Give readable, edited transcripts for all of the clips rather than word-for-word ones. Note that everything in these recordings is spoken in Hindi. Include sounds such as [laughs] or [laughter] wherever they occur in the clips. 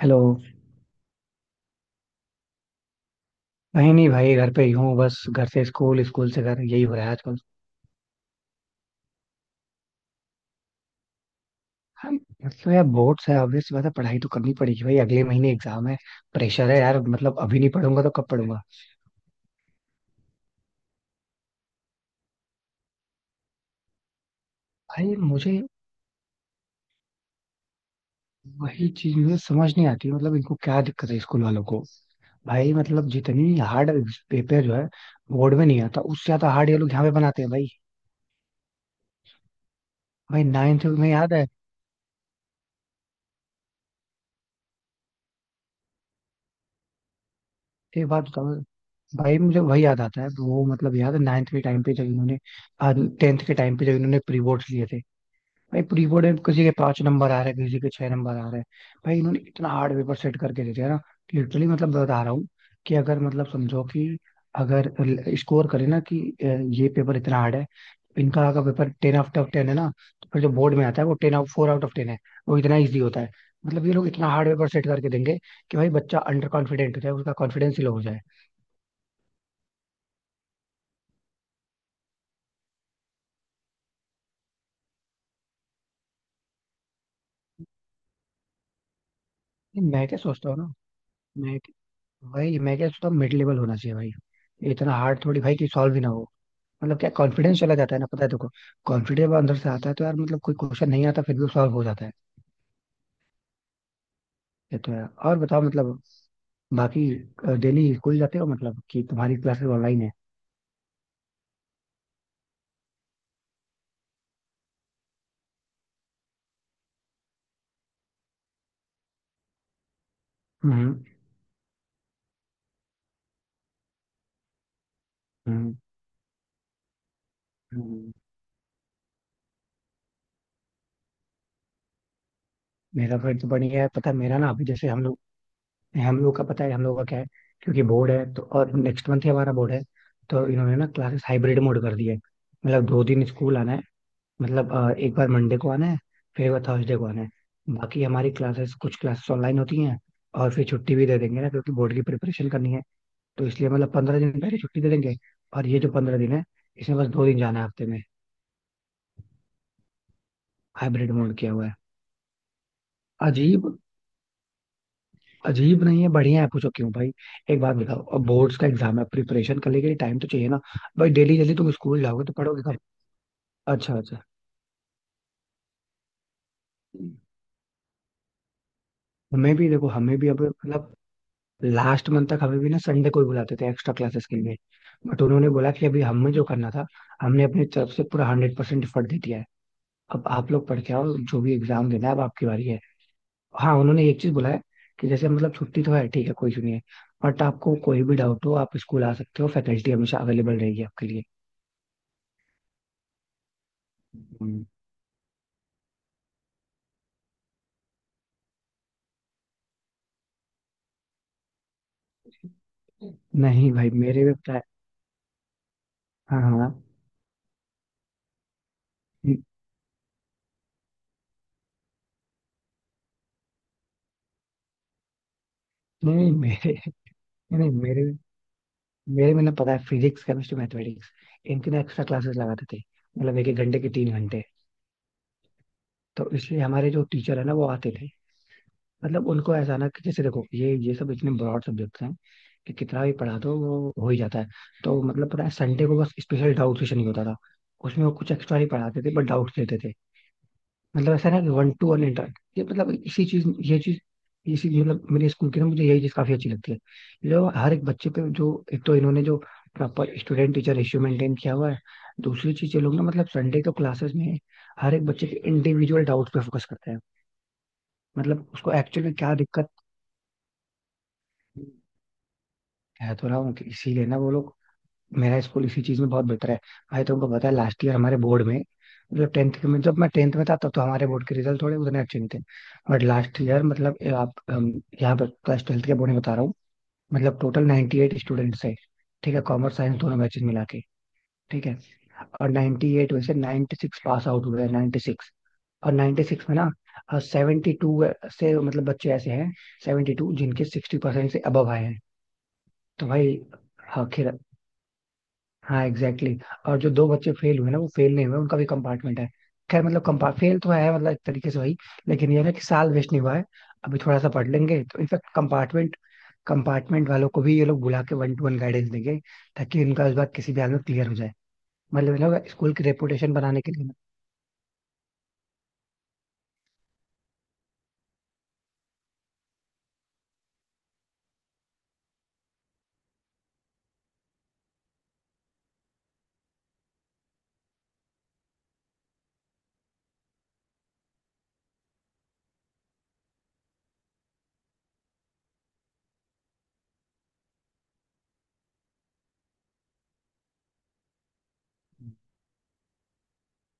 हेलो। नहीं नहीं भाई, घर पे ही हूँ। बस घर से स्कूल, स्कूल से घर, यही हो रहा है आजकल। हाँ, मतलब यार बोर्ड्स है, ऑब्वियस बात है, पढ़ाई तो करनी पड़ेगी भाई, अगले महीने एग्जाम है। प्रेशर है यार, मतलब अभी नहीं पढ़ूंगा तो कब पढ़ूंगा। भाई मुझे वही चीज मुझे समझ नहीं आती, मतलब इनको क्या दिक्कत है स्कूल वालों को। भाई मतलब जितनी हार्ड पेपर जो है बोर्ड में नहीं आता, उससे ज्यादा हार्ड ये लोग यहाँ पे बनाते हैं भाई। भाई नाइन्थ में याद है, एक बात बताओ। भाई मुझे वही याद आता है वो, मतलब याद है नाइन्थ के टाइम पे जब इन्होंने टेंथ के टाइम पे जब इन्होंने प्री बोर्ड्स लिए थे। भाई प्री बोर्ड में किसी के 5 नंबर आ रहे हैं, किसी के 6 नंबर आ रहे हैं। भाई इन्होंने इतना हार्ड पेपर सेट करके दे दिया ना। लिटरली मतलब बता रहा हूँ कि अगर मतलब समझो कि अगर स्कोर करे ना कि ये पेपर इतना हार्ड है। इनका अगर paper ten out of ten है ना, तो फिर जो बोर्ड में आता है वो ten out four out of ten है, वो इतना ईजी होता है। मतलब ये लोग इतना हार्ड पेपर सेट करके देंगे कि भाई बच्चा अंडर कॉन्फिडेंट हो जाए, उसका कॉन्फिडेंस ही लो हो जाए। नहीं, मैं क्या सोचता हूँ ना, मैं भाई मैं क्या सोचता हूँ, मिड लेवल होना चाहिए भाई। ये इतना हार्ड थोड़ी भाई कि सॉल्व ही ना हो। मतलब क्या, कॉन्फिडेंस चला जाता है ना। पता है देखो, कॉन्फिडेंस अंदर से आता है, तो यार मतलब कोई क्वेश्चन नहीं आता फिर भी सॉल्व हो जाता है। ये तो है। और बताओ मतलब, बाकी डेली स्कूल जाते हो, मतलब कि तुम्हारी क्लासेस ऑनलाइन है। हम्म हम्म हम्म। मेरा फ्रेंड तो बढ़िया है, पता है मेरा ना। अभी जैसे हम लोग का, पता है हम लोग का क्या है, क्योंकि बोर्ड है तो। और नेक्स्ट मंथ ही हमारा बोर्ड है, तो इन्होंने ना क्लासेस हाइब्रिड मोड कर दिया है। मतलब दो दिन स्कूल आना है। मतलब एक बार मंडे को आना है, फिर एक बार थर्सडे को आना है। बाकी हमारी क्लासेस कुछ क्लासेस ऑनलाइन होती हैं। और फिर छुट्टी भी दे देंगे ना, क्योंकि बोर्ड की प्रिपरेशन करनी है। तो इसलिए मतलब 15 दिन पहले छुट्टी दे देंगे। और ये जो 15 दिन है, इसमें बस दो दिन जाना है हफ्ते में। हाइब्रिड मोड किया हुआ है। अजीब, अजीब नहीं है, बढ़िया है। पूछो क्यों भाई। एक बात बताओ, अब बोर्ड्स का एग्जाम है, प्रिपरेशन करने के लिए टाइम तो चाहिए ना। भाई डेली डेली तुम स्कूल जाओगे तो पढ़ोगे कब। अच्छा अच्छा। हमें भी देखो, हमें भी अब मतलब लास्ट मंथ तक हमें भी ना संडे को ही बुलाते थे एक्स्ट्रा क्लासेस के लिए। बट उन्होंने बोला कि अभी हमें जो करना था, हमने अपनी तरफ से पूरा 100% एफर्ट दे दिया है। अब आप लोग पढ़ के आओ, जो भी एग्जाम देना है, अब आपकी बारी है। हाँ, उन्होंने एक चीज बोला है कि जैसे मतलब छुट्टी तो है, ठीक है, कोई इशू नहीं है। बट आपको कोई भी डाउट हो, आप स्कूल आ सकते हो, फैकल्टी हमेशा अवेलेबल रहेगी आपके लिए। हम्म। नहीं भाई, मेरे में पता है। हाँ हाँ हाँ। नहीं नहीं मेरे नहीं नहीं, मेरे में ना, पता है फिजिक्स केमिस्ट्री मैथमेटिक्स, इनकी ना एक्स्ट्रा क्लासेस लगाते थे, मतलब एक एक घंटे के 3 घंटे। तो इसलिए हमारे जो टीचर है ना वो आते थे। मतलब उनको ऐसा ना कि जैसे देखो ये सब इतने ब्रॉड सब्जेक्ट्स हैं कि कितना भी पढ़ा दो वो हो ही जाता है। तो मतलब पता है संडे को बस स्पेशल डाउट सेशन ही होता था। उसमें वो कुछ एक्स्ट्रा नहीं पढ़ाते थे, बट डाउट लेते थे। मतलब ऐसा ना कि वन टू वन इंटर ये मतलब इसी चीज, ये चीज, इसी मतलब मेरे स्कूल की ना, मुझे यही चीज काफी अच्छी लगती है, जो हर एक बच्चे पे जो एक तो इन्होंने जो proper student teacher ratio maintain किया हुआ है। दूसरी चीज, ये लोग ना मतलब संडे को क्लासेस में हर एक बच्चे के इंडिविजुअल डाउट पे फोकस करते हैं, मतलब उसको एक्चुअली क्या दिक्कत। कह तो रहा हूँ कि इसीलिए ना वो लोग, मेरा स्कूल इसी चीज में बहुत बेहतर है। भाई तुमको पता है लास्ट ईयर हमारे बोर्ड में, मतलब टेंथ के में जब मैं टेंथ में था तब तो हमारे बोर्ड के रिजल्ट थोड़े उतने अच्छे नहीं थे। बट लास्ट ईयर, मतलब ये आप हम यहाँ पर क्लास ट्वेल्थ के बोर्ड में बता रहा हूँ, मतलब टोटल 98 स्टूडेंट्स है। ठीक है, कॉमर्स साइंस दोनों बैचेज मिला के। ठीक है, और 98 में से 96 पास आउट हुए हैं। 96, और 96 में ना 72 से मतलब बच्चे ऐसे हैं, 72 जिनके 60% से अबव आए हैं। तो भाई, हाँ खैर, हाँ एग्जैक्टली exactly. और जो दो बच्चे फेल हुए ना, वो फेल नहीं हुए, उनका भी कंपार्टमेंट है। खैर मतलब कंपा फेल तो है मतलब एक तरीके से भाई, लेकिन ये है ना कि साल वेस्ट नहीं हुआ है। अभी थोड़ा सा पढ़ लेंगे तो इनफैक्ट कंपार्टमेंट कंपार्टमेंट वालों को भी ये लोग बुला के वन टू वन गाइडेंस देंगे, ताकि इनका इस बार किसी भी हाल में क्लियर हो जाए। मतलब ये लोग स्कूल की रेपुटेशन बनाने के लिए ना।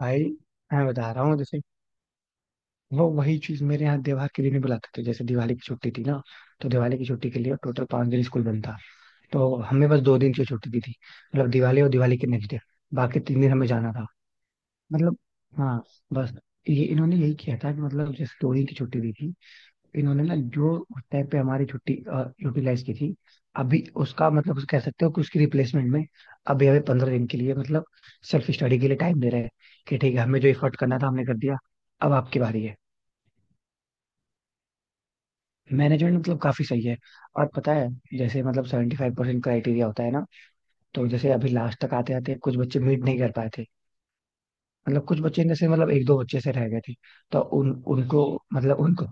भाई मैं बता रहा हूँ जैसे वो वही चीज मेरे यहाँ त्योहार के लिए नहीं बुलाते थे। जैसे दिवाली की छुट्टी थी ना, तो दिवाली की छुट्टी के लिए टोटल 5 दिन स्कूल बंद था। तो हमें बस दो दिन की छुट्टी दी थी, मतलब दिवाली और दिवाली के नेक्स्ट डे। बाकी तीन दिन हमें जाना था मतलब। हाँ बस, ये इन्होंने यही किया था कि मतलब जैसे दो दिन की छुट्टी दी थी, इन्होंने ना जो उस टाइम पे हमारी छुट्टी यूटिलाइज की थी, अभी उसका मतलब उस कह सकते हो कि उसकी रिप्लेसमेंट में अभी हमें 15 दिन के लिए मतलब सेल्फ स्टडी के लिए टाइम दे रहे हैं। कि ठीक है, हमें जो एफर्ट करना था हमने कर दिया, अब आपकी बारी है। मैनेजमेंट मतलब काफी सही है। और पता है जैसे मतलब 75% क्राइटेरिया होता है ना, तो जैसे अभी लास्ट तक आते आते कुछ बच्चे मीट नहीं कर पाए थे। मतलब कुछ बच्चे जैसे मतलब एक दो बच्चे से रह गए थे। तो उन उनको मतलब उनको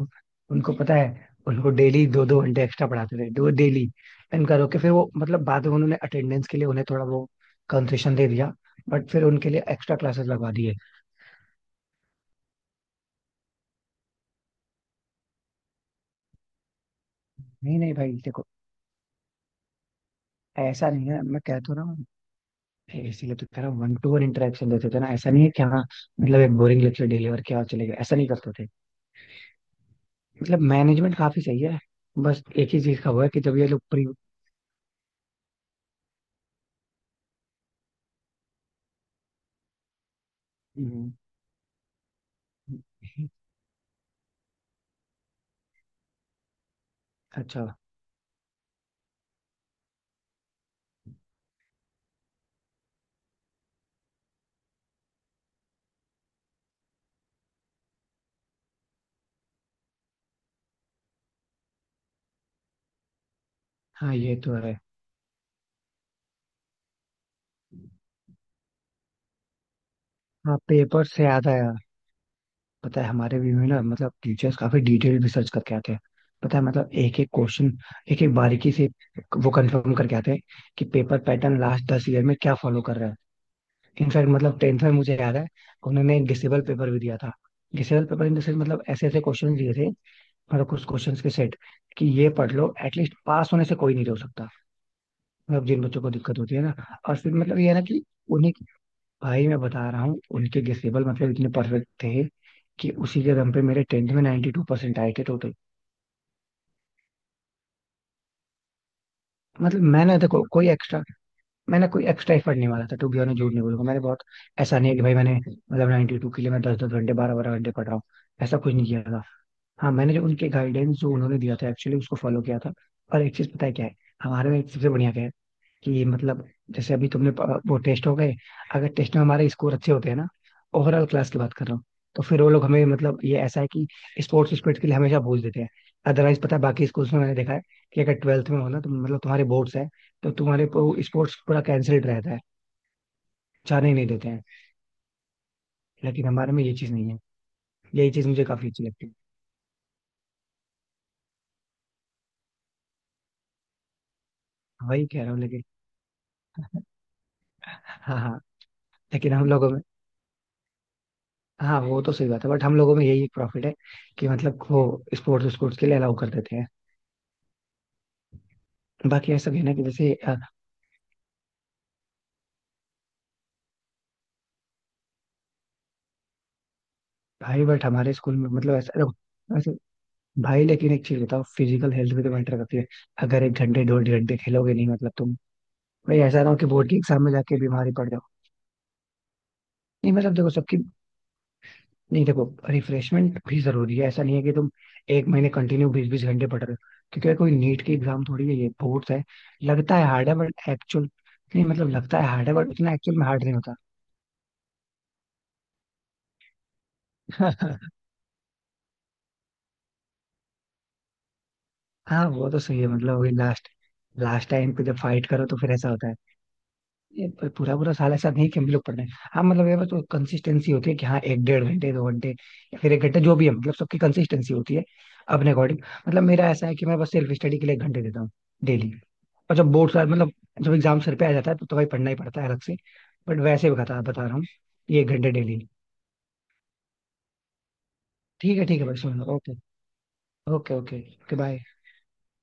उनको पता है, उनको डेली दो दो घंटे एक्स्ट्रा पढ़ाते थे, दो डेली। इनका रोके फिर वो, मतलब बाद में उन्होंने अटेंडेंस के लिए उन्हें थोड़ा वो कंसेशन दे दिया, बट फिर उनके लिए एक्स्ट्रा क्लासेस लगवा दिए। नहीं नहीं भाई देखो, ऐसा नहीं है, मैं कह तो रहा हूँ। इसीलिए तो कह रहा हूँ वन टू वन इंटरेक्शन देते थे ना। ऐसा नहीं है कि हाँ, मतलब एक बोरिंग लेक्चर डिलीवर किया और चले गए, ऐसा नहीं करते थे। मतलब मैनेजमेंट काफी सही है। बस एक ही चीज का हुआ है कि जब ये लोग प्री हम्म, अच्छा, हाँ ये तो है। हाँ पेपर से याद आया, पता है हमारे भी में ना मतलब टीचर्स काफी डिटेल रिसर्च करके आते हैं। पता है मतलब एक एक क्वेश्चन, एक एक बारीकी से वो कंफर्म करके आते हैं कि पेपर पैटर्न लास्ट 10 ईयर में क्या फॉलो कर रहा है। इनफैक्ट मतलब टेंथ में मुझे याद है उन्होंने एक डिसेबल पेपर भी दिया था। Disable paper in the sense मतलब ऐसे ऐसे क्वेश्चन दिए थे, मतलब कुछ क्वेश्चन के सेट कि ये पढ़ लो, एटलीस्ट पास होने से कोई नहीं रोक सकता, मतलब जिन बच्चों को दिक्कत होती है ना। और फिर मतलब ये है ना कि उन्हें, भाई मैं बता रहा हूँ उनके गेसेबल मतलब इतने परफेक्ट थे कि उसी के दम पे मेरे टेंथ में 92% टू परसेंट आए थे टोटल। मतलब मैंने कोई एक्स्ट्रा एफर्ट नहीं मारा था टू बी ऑनेस्ट, झूठ नहीं बोलूंगा मैंने बहुत, ऐसा नहीं है कि भाई मैंने मतलब 92 के लिए मैं दस दस घंटे बारह बारह घंटे पढ़ रहा हूँ, ऐसा कुछ नहीं किया था। हाँ, मैंने जो उनके गाइडेंस जो उन्होंने दिया था एक्चुअली उसको फॉलो किया था। और एक चीज पता है क्या है, हमारे में एक सबसे बढ़िया क्या है कि मतलब जैसे अभी तुमने वो टेस्ट हो गए, अगर टेस्ट में हमारे स्कोर अच्छे होते हैं ना, ओवरऑल क्लास की बात कर रहा हूँ, तो फिर वो लोग हमें, मतलब ये ऐसा है कि स्पोर्ट्स स्पिरिट के लिए हमेशा भूल देते हैं। अदरवाइज पता है, बाकी स्कूल्स में मैंने देखा है कि अगर ट्वेल्थ में हो ना, तो मतलब तुम्हारे बोर्ड्स है, तो तुम्हारे स्पोर्ट्स पूरा कैंसिल्ड रहता है, जाने ही नहीं देते हैं। लेकिन हमारे में ये चीज नहीं है, यही चीज मुझे काफी अच्छी लगती है। वही कह रहा हूँ लेकिन। हाँ हाँ। लेकिन हम लोगों में, हाँ वो तो सही बात है, बट हम लोगों में यही एक प्रॉफिट है कि मतलब वो स्पोर्ट्स स्पोर्ट्स के लिए अलाउ कर देते हैं। बाकी ऐसा भी है ना कि जैसे भाई बट हमारे स्कूल में मतलब ऐसा देखो, वैसे भाई, लेकिन एक चीज बताओ, फिजिकल हेल्थ भी तो मैटर करती है। अगर एक घंटे डेढ़ घंटे खेलोगे नहीं मतलब तुम, भाई ऐसा ना हो कि बोर्ड के एग्जाम में जाके बीमारी पड़ जाओ। नहीं मतलब देखो सबकी, नहीं देखो, रिफ्रेशमेंट भी जरूरी है। ऐसा नहीं है कि तुम एक महीने कंटिन्यू बीस बीस घंटे पढ़ रहे हो, क्योंकि कोई नीट की एग्जाम थोड़ी है, ये बोर्ड्स है। लगता है हार्ड है बट एक्चुअल, नहीं मतलब लगता है हार्ड है बट उतना एक्चुअल में हार्ड नहीं होता। [laughs] हाँ, वो तो सही है मतलब वही लास्ट लास्ट टाइम पे जब फाइट करो तो फिर ऐसा होता है। ये पूरा पूरा साल ऐसा नहीं कि हम लोग पढ़ रहे हैं। हाँ मतलब ये बस कंसिस्टेंसी होती है कि हाँ, एक डेढ़ घंटे, दो घंटे, या फिर एक घंटे, जो भी है, मतलब सबकी कंसिस्टेंसी होती है अपने अकॉर्डिंग। मतलब मेरा ऐसा है कि मैं बस सेल्फ स्टडी के लिए एक घंटे देता हूँ डेली। और जब बोर्ड साल मतलब जब एग्जाम सर पे आ जाता है तो भाई पढ़ना ही पड़ता है अलग से। बट वैसे बता बता रहा हूँ, ये एक घंटे डेली। ठीक है भाई, सुन लो। Okay. Okay okay okay bye.